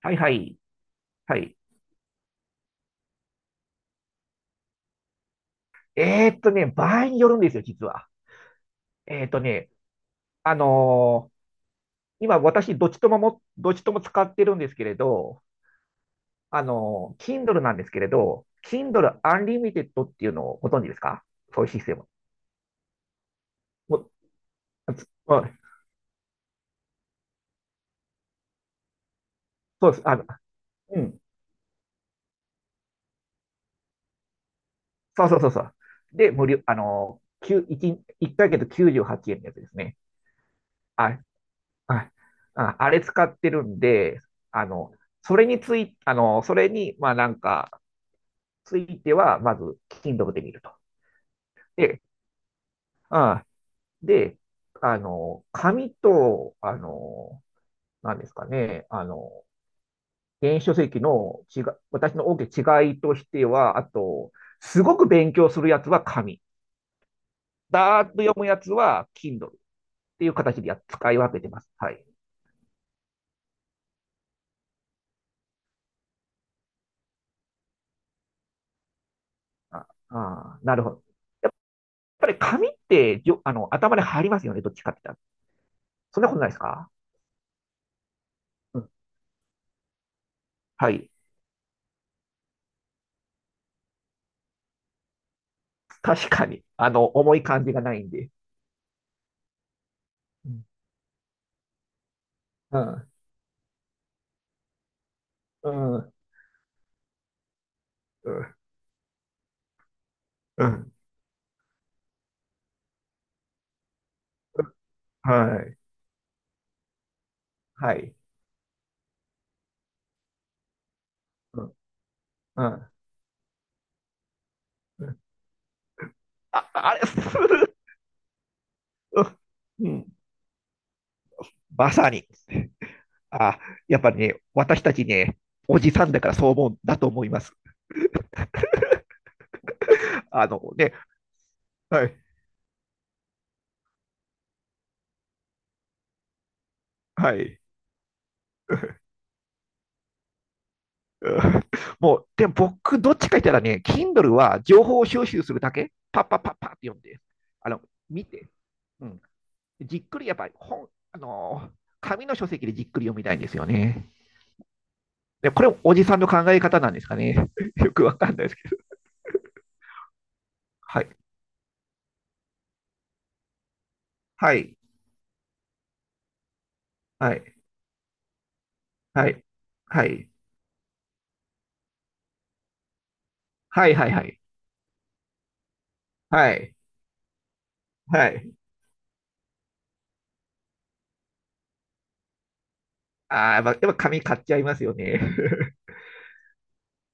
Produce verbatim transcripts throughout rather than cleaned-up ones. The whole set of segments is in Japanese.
はいはい。はい。えーっとね、場合によるんですよ、実は。えーっとね、あのー今私、どっちともも、どっちとも使ってるんですけれど、あのー Kindle なんですけれど、Kindle Unlimited っていうのをご存知ですか？そういうシステム。もうあつあそうです。あの、うん。そうそうそうそう。で、無料、あのー、きゅう一ヶ月きゅうじゅうはちえんのやつですね。あ、あ、ああれ使ってるんで、あの、それについ、あの、それに、まあなんか、ついては、まず、Kindle で見ると。で、あで、あの、紙と、あの、なんですかね、あの、電子書籍の違い、私の大きな違いとしては、あと、すごく勉強するやつは紙。だーっと読むやつは Kindle っていう形でや使い分けてます。はい。ああなるほど。やっぱり紙ってじょあの頭に入りますよね、どっちかって言ったら。そんなことないですか？うん、はい。確かに。あの、重い感じがないんで。うん。うんうん、うん、うん、はい、はい、うん、うん、あ、あれ、する。うん、まさに。あ、やっぱりね、私たちね、おじさんだからそう思うんだと思います。あのね、はい、はい。うん、もう、でも僕、どっちか言ったらね、Kindle は情報を収集するだけ、パッパッパッパって読んで、あの、見て、うん、じっくりやっぱり本、あの紙の書籍でじっくり読みたいんですよね。で、これ、おじさんの考え方なんですかね。よくわかんないですけど。はい。はい。はい。はい。はい。はい。はい。はい。はい。はい。ああ、やっぱやっぱ紙買っちゃいますよね。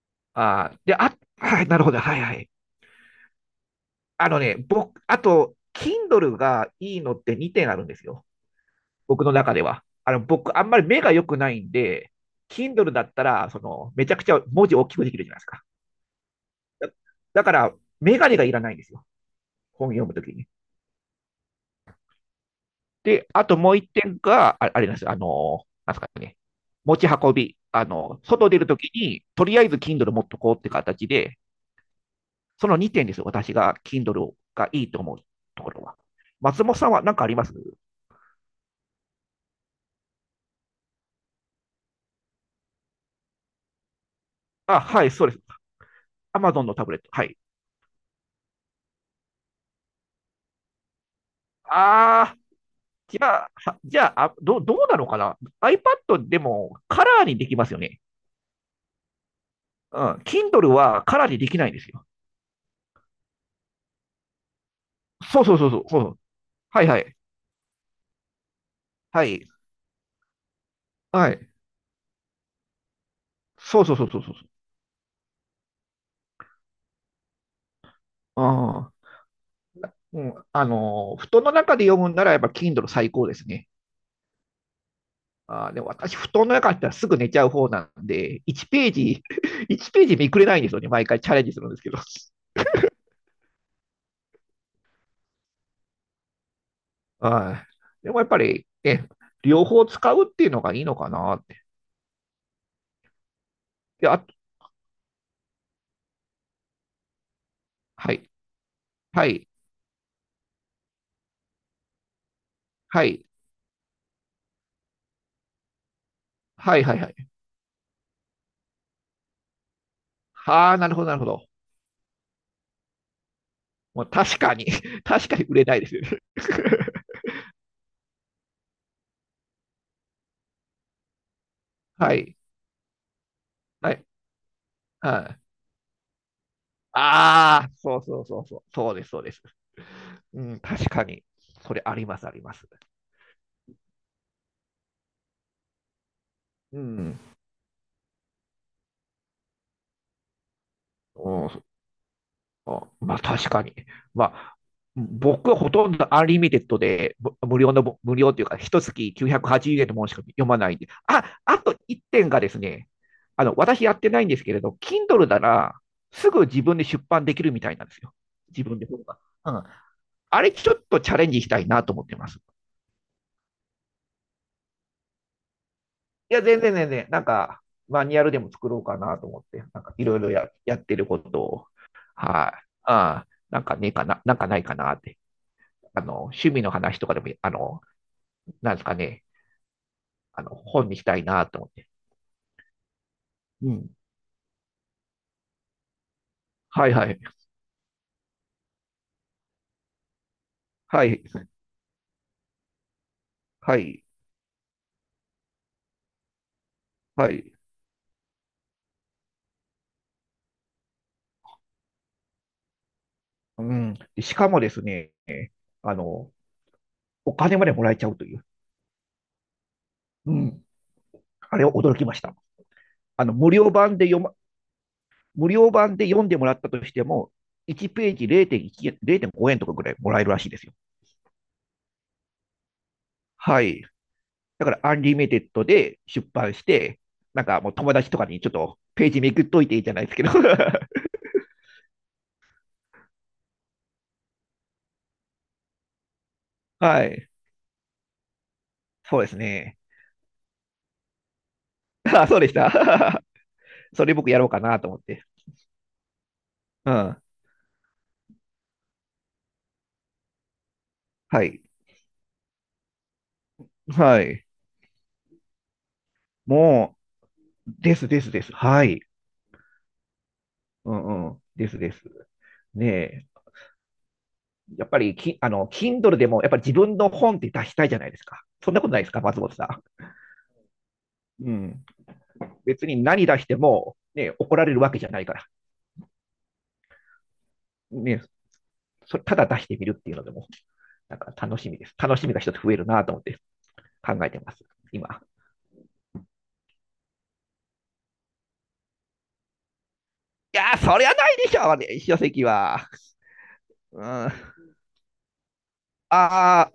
ああ、で、あ、はい、なるほど。はい。はい。あのね、僕、あと、Kindle がいいのってにてんあるんですよ。僕の中では。あの、僕、あんまり目が良くないんで、Kindle だったら、その、めちゃくちゃ文字大きくできるじゃないですか。だ、だから、メガネがいらないんですよ。本読むときに。で、あともう一点が、ああれなんですよ、あの、なんですかね、持ち運び。あの、外出るときに、とりあえず Kindle 持っとこうって形で、そのにてんですよ、私が Kindle がいいと思うところは。松本さんは何かあります？あ、はい、そうです。Amazon のタブレット。はい。あー、じゃあ、はじゃあ、あどうどうなのかな？ iPad でもカラーにできますよね。うん。Kindle はカラーにできないんですよ。そうそうそうそう。そう、はいはい。はい。はい。そうそうそうそうそう。ああ。うん、あの、布団の中で読むんならやっぱ Kindle 最高ですね。あー、でも私、布団の中だったらすぐ寝ちゃう方なんで、いちページ、いちページ見くれないんですよね。毎回チャレンジするんですけど。はい。でもやっぱり、ね、両方使うっていうのがいいのかなって。で、あ、はい、はい、はい、はい、はい、はい。はあ、なるほど、なるほど。もう確かに、確かに売れないですよね。はい、はい、はい。ああ、そうそうそうそう。そうです、そうです。うん、確かに。それあります、あります。うん。うん、あまあ、確かに。まあ、僕はほとんどアンリミテッドで、ぼ無料のぼ、無料というか、一月きゅうひゃくはちじゅうえんのものしか読まないんで。あ、あといってんがですね、あの、私やってないんですけれど、Kindle なら、すぐ自分で出版できるみたいなんですよ。自分で本が。うん。あれちょっとチャレンジしたいなと思ってます。いや、全然全然、なんか、マニュアルでも作ろうかなと思って、なんかいろいろや、やってることを、はい。ああ、なんかねえかな、なんかないかなって。あの、趣味の話とかでも、あの、なんですかね、あの、本にしたいなと思って。うん。はいはい。はい。はい。はい。うん。でしかもですね、あの、お金までもらえちゃうという。うん。あれを驚きました。あの、無料版で読ま、無料版で読んでもらったとしても、いちページれいてんいち、れいてんごえんとかぐらいもらえるらしいですよ。はい。だから、アンリミテッドで出版して、なんかもう友達とかにちょっとページめくっといていいじゃないですけど。はい。そうですね。あ、そうでした。それ僕やろうかなと思って。うん。はい。はい。もう、ですですです。はい。うんうん。ですです。ねえ。やっぱりき、あの、Kindle でも、やっぱり自分の本って出したいじゃないですか。そんなことないですか、松本さん？うん。別に何出しても、ね、怒られるわけじゃないから。ね、それただ出してみるっていうのでも、なんか楽しみです。楽しみが一つ増えるなと思って考えてます、今。いやー、そりゃないでしょうね、書籍は。うん。ああ、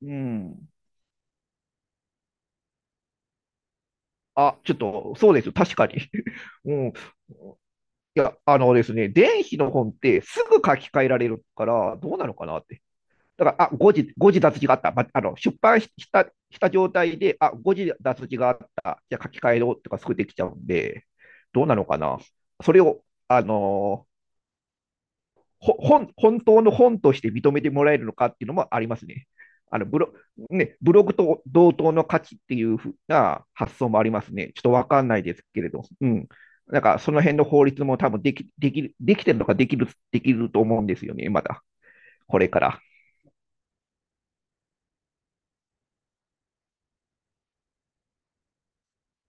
うん。あ、ちょっと、そうです、確かに。うん。いや、あのですね、電子の本ってすぐ書き換えられるから、どうなのかなって。だから、あ、誤字、誤字脱字があった。ばあの、出版した、した状態で、あ、誤字脱字があった。じゃあ書き換えろとかすぐできちゃうんで、どうなのかな。それを、あのーほ本、本当の本として認めてもらえるのかっていうのもありますね。あのブロ、ね、ブログと同等の価値っていうふうな発想もありますね。ちょっとわかんないですけれど。うん。なんか、その辺の法律も多分でき、できる、できてるのかできる、できると思うんですよね、まだ。これから。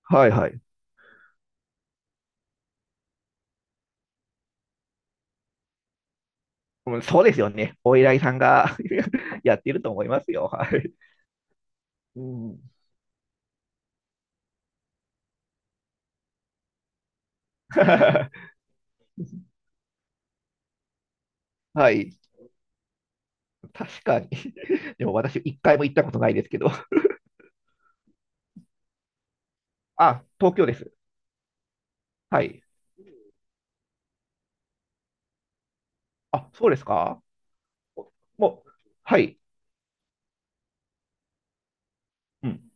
はいはい。うんそうですよね。お依頼さんが やっていると思いますよ。はい。うん、はい。確かに。でも私、一回も行ったことないですけど。あ、東京です。はい。あ、そうですか。もう、はい。うん。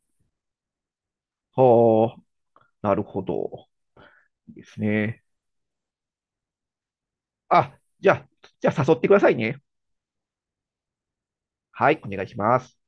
はあ、なるほど。ですね。あ、じゃあ、じゃあ誘ってくださいね。はい、お願いします。